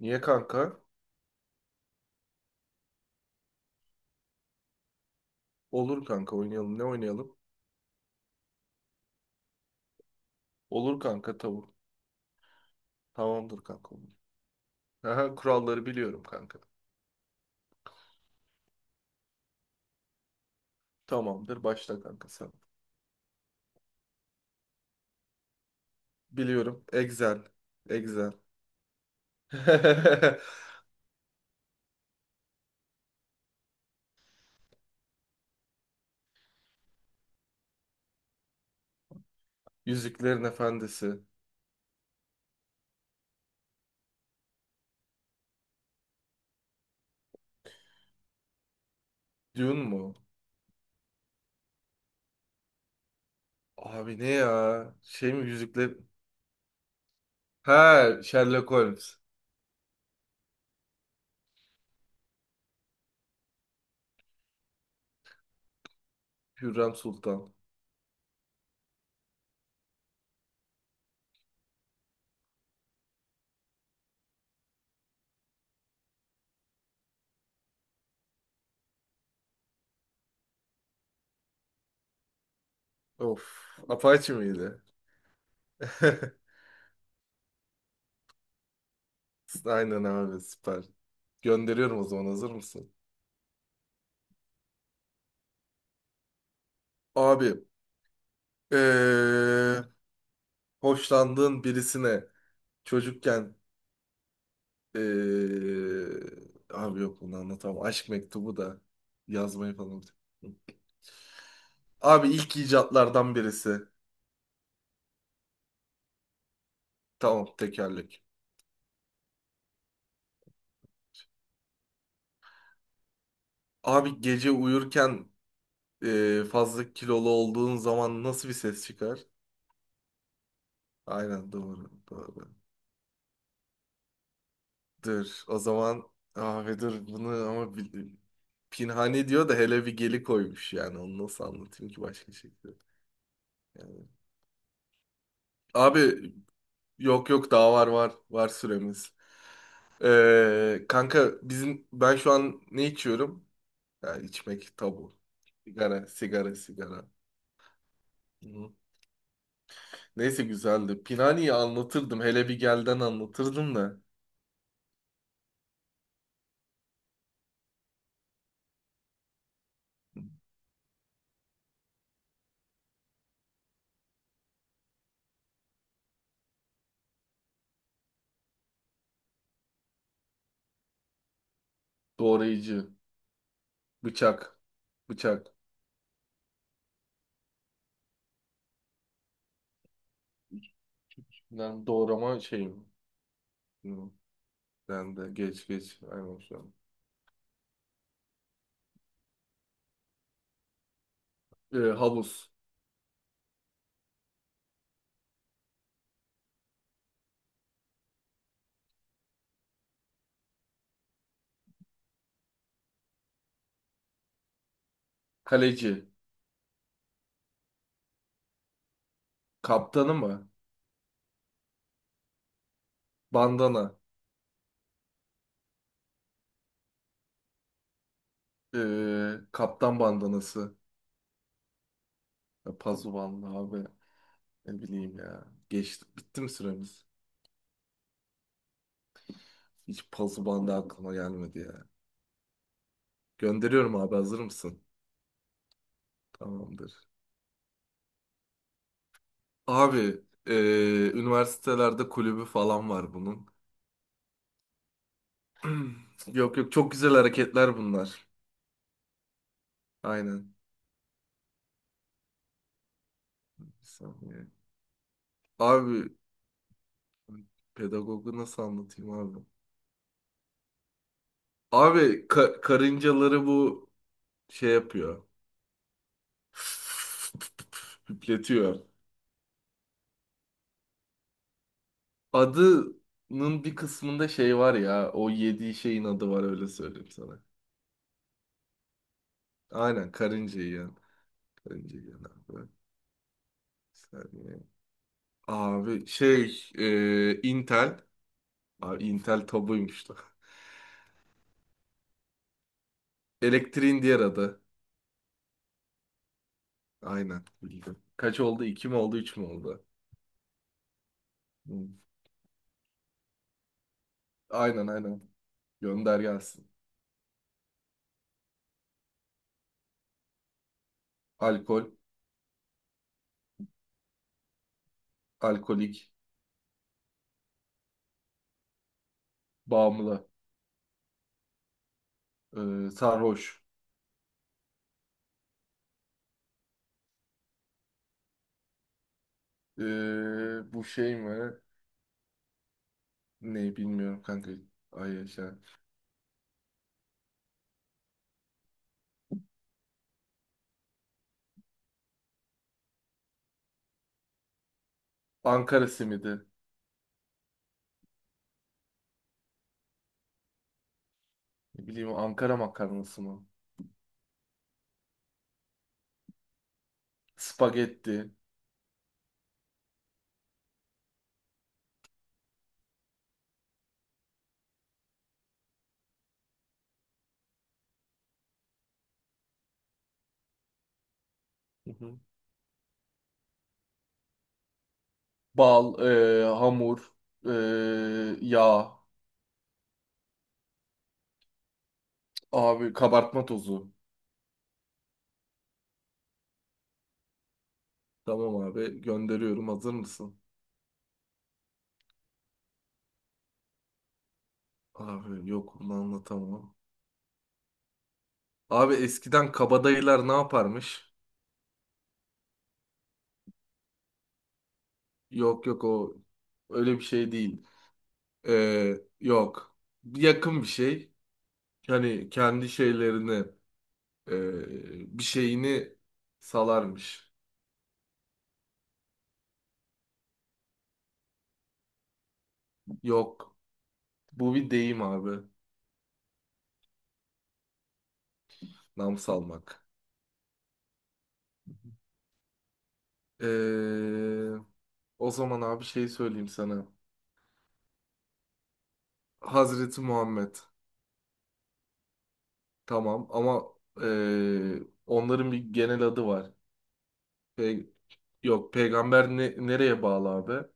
Niye kanka? Olur kanka oynayalım. Ne oynayalım? Olur kanka tavuk. Tamamdır kanka olur. Aha, kuralları biliyorum kanka. Tamamdır başla kanka sen. Biliyorum. Excel. Excel. Yüzüklerin Efendisi. Dune mu? Abi ne ya? Şey mi yüzükler? Ha Sherlock Holmes. Hürrem Sultan. Of. Apache miydi? Aynen abi süper. Gönderiyorum o zaman hazır mısın? Abi. Eee hoşlandığın birisine çocukken eee, abi yok bunu anlatamam. Aşk mektubu da yazmayı falan unuttum. Abi ilk icatlardan birisi. Tamam tekerlek. Abi gece uyurken fazla kilolu olduğun zaman nasıl bir ses çıkar? Aynen doğru doğru. Dur o zaman abi dur bunu ama Pinhani diyor da hele bir geli koymuş yani onu nasıl anlatayım ki başka şekilde. Yani. Abi yok yok daha var var. Var süremiz. Kanka bizim ben şu an ne içiyorum? Ya içmek tabu. Sigara, sigara, sigara. Hı. Neyse güzeldi. Pinani'yi anlatırdım. Hele bir gelden anlatırdım da. Doğrayıcı, bıçak, bıçak. Ben doğrama şeyim. Hı. Ben de geç geç. Aynen şu an. Havuz, kaleci, kaptanı mı? Bandana. Kaptan bandanası. Ya, Pazuvanlı abi. Ne bileyim ya. Geçti. Bitti mi süremiz? Hiç puzzle bandı aklıma gelmedi ya. Gönderiyorum abi hazır mısın? Tamamdır. Abi üniversitelerde kulübü falan var bunun. Yok yok çok güzel hareketler bunlar. Aynen. Bir saniye. Abi pedagogu nasıl anlatayım abi? Abi karıncaları bu şey yapıyor. Üfletiyor. Adının bir kısmında şey var ya. O yediği şeyin adı var, öyle söyleyeyim sana. Aynen karınca yiyen. Karınca yiyen abi. Bir saniye. Abi Intel. Abi Intel tabuymuş lan. Elektriğin diğer adı. Aynen bildim. Kaç oldu? İki mi oldu? Üç mü oldu? Hı. Aynen aynen. Gönder gelsin. Alkol. Alkolik. Bağımlı. Sarhoş. E, bu şey mi? Ne bilmiyorum kanka. Ay yaşa. Ankara simidi. Ne bileyim Ankara makarnası mı? Spagetti. Hı hı. Bal, hamur, e, yağ, abi kabartma tozu. Tamam abi gönderiyorum. Hazır mısın? Abi yok bunu anlatamam. Abi eskiden kabadayılar ne yaparmış? Yok yok, o öyle bir şey değil. E, yok. Yakın bir şey. Hani kendi şeylerini, bir şeyini salarmış. Yok. Bu bir deyim abi. Nam salmak. Ee, o zaman abi şey söyleyeyim sana. Hazreti Muhammed. Tamam ama ee, onların bir genel adı var. Pe- Yok, peygamber nereye bağlı abi?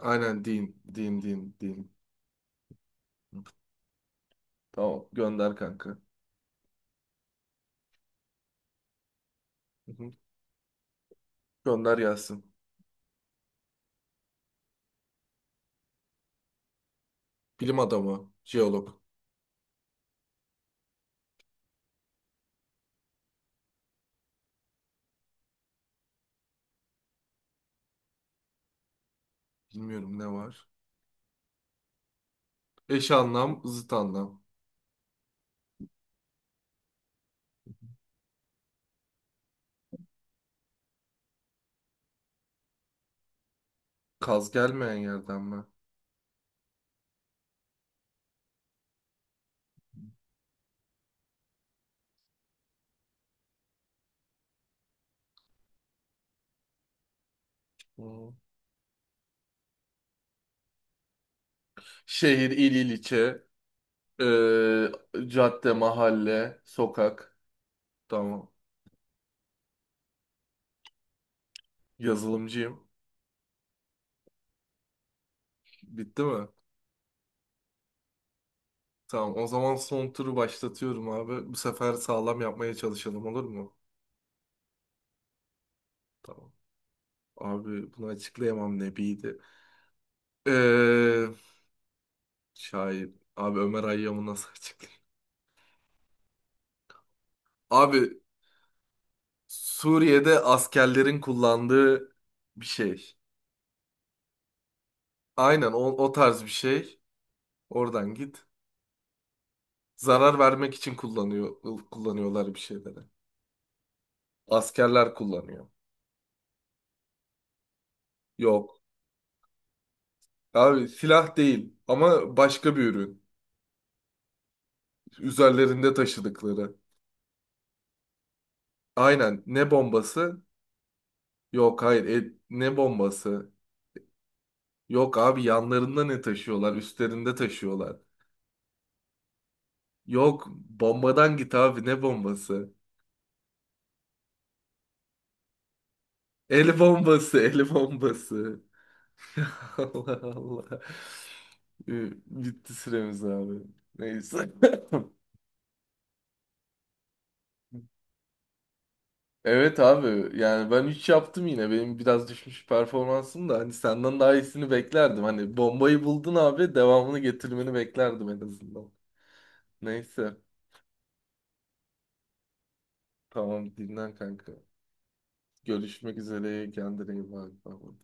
Aynen din. Din din din. Tamam gönder kanka. Hı hı. Gönder gelsin. Bilim adamı, jeolog. Bilmiyorum ne var. Eş anlam, zıt anlam. Kaz gelmeyen yerden mi? Hı. Şehir, il, ilçe. Ee, cadde, mahalle, sokak. Tamam. Yazılımcıyım. Bitti mi? Tamam. O zaman son turu başlatıyorum abi. Bu sefer sağlam yapmaya çalışalım, olur mu? Tamam. Abi bunu açıklayamam nebiydi. Ee, şair. Abi Ömer Hayyam'ı nasıl açıklayayım? Abi Suriye'de askerlerin kullandığı bir şey. Aynen o, o tarz bir şey. Oradan git. Zarar vermek için kullanıyor, kullanıyorlar bir şeylere. Askerler kullanıyor. Yok. Abi silah değil ama başka bir ürün. Üzerlerinde taşıdıkları. Aynen. Ne bombası? Yok, hayır. Ne bombası? Yok abi, yanlarında ne taşıyorlar? Üstlerinde taşıyorlar. Yok, bombadan git abi, ne bombası? El bombası, el bombası. Allah Allah. Bitti süremiz abi. Neyse. Evet abi, yani ben 3 yaptım, yine benim biraz düşmüş performansım da hani senden daha iyisini beklerdim. Hani bombayı buldun abi, devamını getirmeni beklerdim en azından. Neyse tamam, dinlen kanka. Görüşmek üzere, kendine iyi bak. Bye bye.